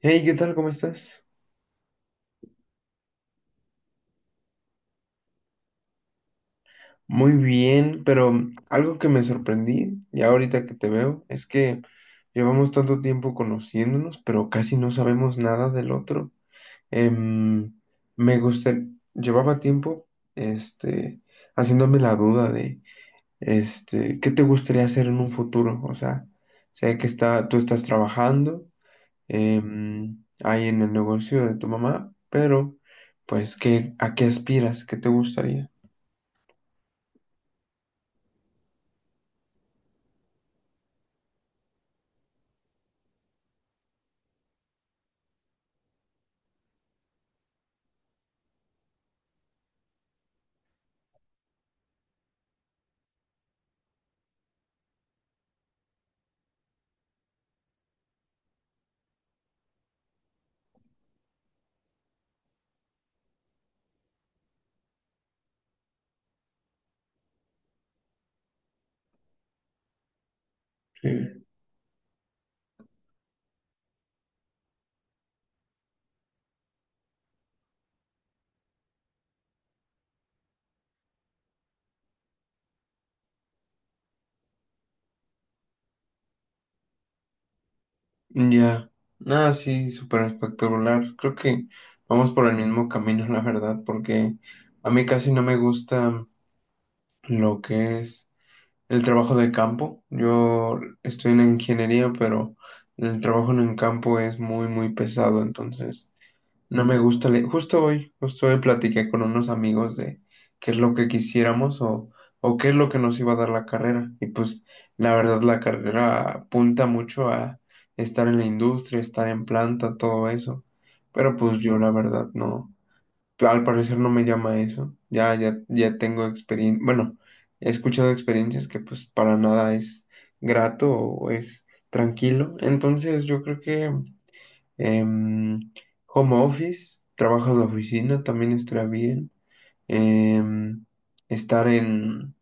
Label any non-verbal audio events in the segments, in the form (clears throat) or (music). Hey, ¿qué tal? ¿Cómo estás? Muy bien, pero algo que me sorprendí, ya ahorita que te veo, es que llevamos tanto tiempo conociéndonos, pero casi no sabemos nada del otro. Em, Me gusta, llevaba tiempo, este, haciéndome la duda de, ¿qué te gustaría hacer en un futuro? O sea, sé que está, tú estás trabajando, ahí en el negocio de tu mamá, pero, pues, ¿qué, a qué aspiras? ¿Qué te gustaría? Sí. Mm, ya, nada, sí, súper espectacular. Creo que vamos por el mismo camino, (laughs) la verdad, porque a mí casi no me gusta lo que es el trabajo de campo. Yo estoy en ingeniería, pero el trabajo en el campo es muy, muy pesado, entonces no me gusta leer. Justo hoy platiqué con unos amigos de qué es lo que quisiéramos o qué es lo que nos iba a dar la carrera. Y pues la verdad la carrera apunta mucho a estar en la industria, estar en planta, todo eso. Pero pues yo la verdad no, al parecer no me llama eso. Ya, ya, ya tengo experiencia, bueno, he escuchado experiencias que pues para nada es grato o es tranquilo. Entonces yo creo que... Em, home office, trabajo de oficina también está bien. Em, estar en,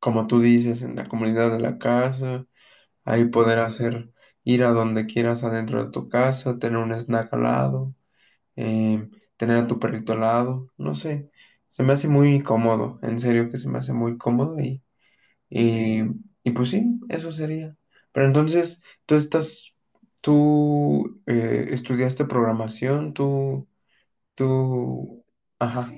como tú dices, en la comunidad de la casa, ahí poder hacer, ir a donde quieras adentro de tu casa, tener un snack al lado, em, tener a tu perrito al lado, no sé. Se me hace muy cómodo, en serio que se me hace muy cómodo y, y pues sí, eso sería. Pero entonces, tú estás, tú estudiaste programación, tú. Ajá,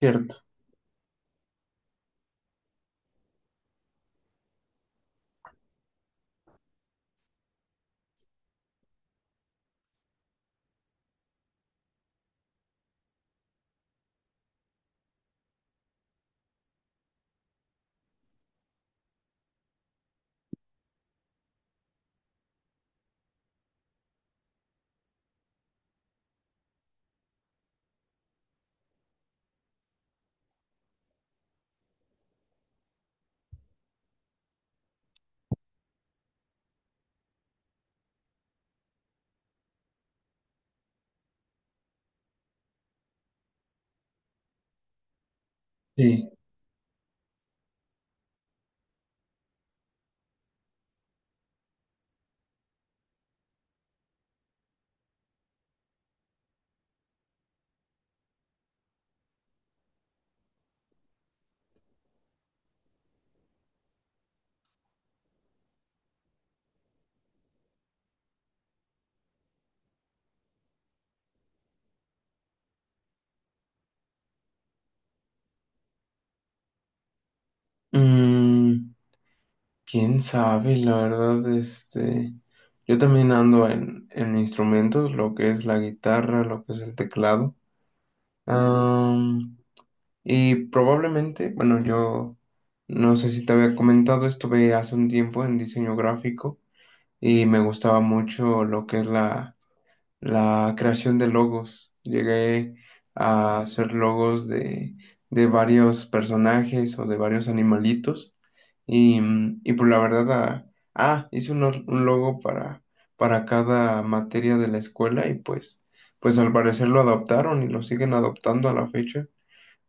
cierto, sí. Mm, quién sabe, la verdad, yo también ando en instrumentos, lo que es la guitarra, lo que es el teclado. Am, y probablemente, bueno, yo no sé si te había comentado, estuve hace un tiempo en diseño gráfico. Y me gustaba mucho lo que es la, la creación de logos. Llegué a hacer logos de varios personajes o de varios animalitos y, y pues la verdad, hice un logo para cada materia de la escuela y pues, pues al parecer lo adoptaron y lo siguen adoptando a la fecha.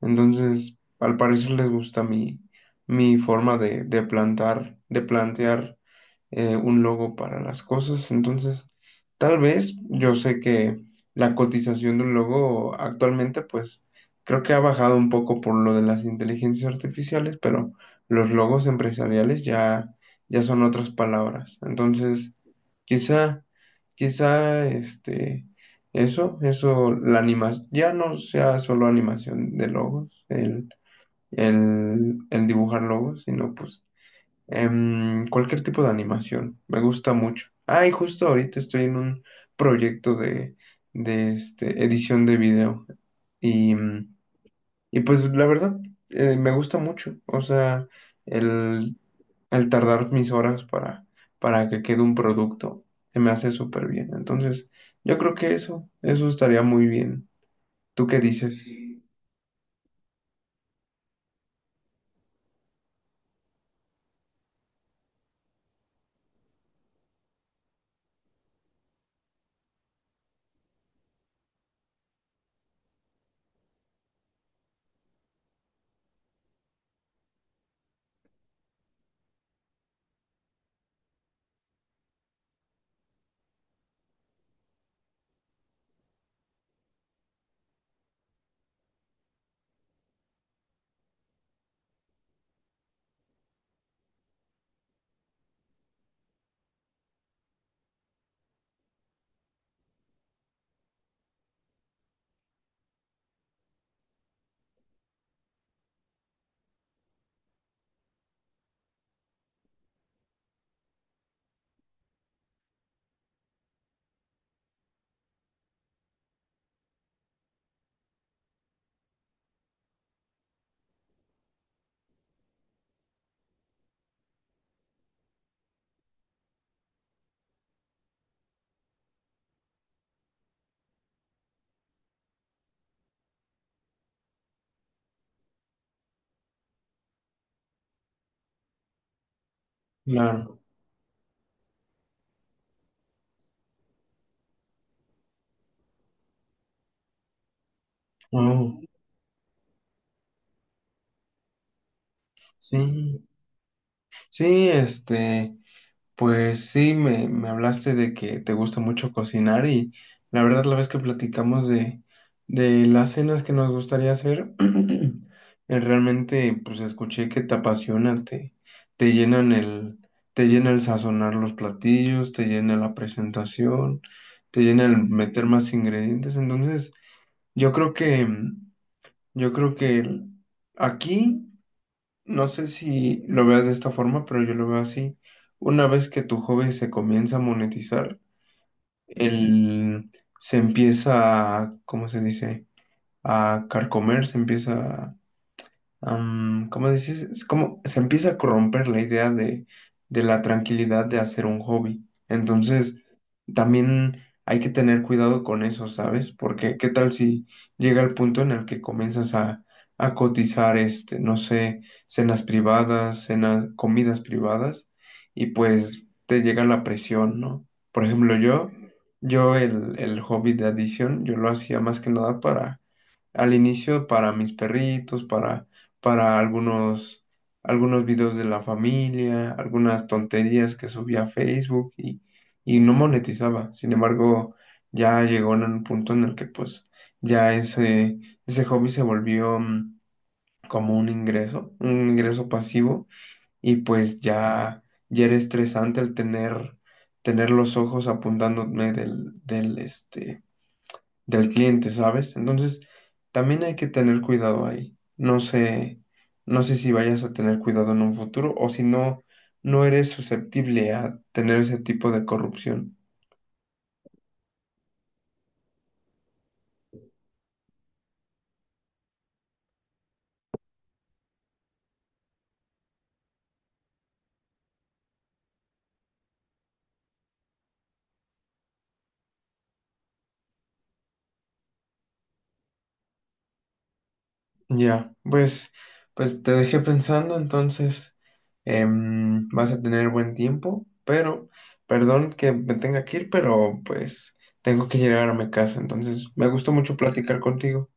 Entonces, al parecer les gusta mi, mi forma de plantar, de plantear un logo para las cosas. Entonces, tal vez yo sé que la cotización de un logo actualmente, pues creo que ha bajado un poco por lo de las inteligencias artificiales, pero los logos empresariales ya, ya son otras palabras. Entonces, quizá, quizá este. Eso, la animación, ya no sea solo animación de logos, el dibujar logos, sino pues cualquier tipo de animación, me gusta mucho. Ah, y justo ahorita estoy en un proyecto de, de edición de video. Y, y pues la verdad, me gusta mucho. O sea, el, el tardar mis horas para que quede un producto, se me hace súper bien. Entonces, yo creo que eso estaría muy bien. ¿Tú qué dices? Claro. Oh, sí. Sí, este. Pues sí, me hablaste de que te gusta mucho cocinar y la verdad la vez que platicamos de las cenas que nos gustaría hacer, (clears throat) eh, realmente pues escuché que te apasiona, te llenan el, te llena el sazonar los platillos, te llena la presentación, te llena el meter más ingredientes. Entonces, yo creo que, yo creo que aquí no sé si lo veas de esta forma, pero yo lo veo así. Una vez que tu hobby se comienza a monetizar, el, se empieza a, ¿cómo se dice? A carcomer, se empieza ¿cómo dices? Es como se empieza a corromper la idea de la tranquilidad de hacer un hobby. Entonces, también hay que tener cuidado con eso, ¿sabes? Porque qué tal si llega el punto en el que comienzas a cotizar, este, no sé, cenas privadas, cenas, comidas privadas, y pues te llega la presión, ¿no? Por ejemplo, yo el hobby de adición, yo lo hacía más que nada para al inicio para mis perritos, para algunos, algunos videos de la familia, algunas tonterías que subía a Facebook y no monetizaba. Sin embargo, ya llegó en un punto en el que pues ya ese hobby se volvió como un ingreso pasivo y pues ya, ya era estresante el tener, tener los ojos apuntándome del, del del cliente, ¿sabes? Entonces, también hay que tener cuidado ahí. No sé, no sé si vayas a tener cuidado en un futuro o si no, no eres susceptible a tener ese tipo de corrupción. Ya, pues, pues te dejé pensando, entonces vas a tener buen tiempo, pero, perdón que me tenga que ir, pero pues tengo que llegar a mi casa, entonces me gustó mucho platicar contigo.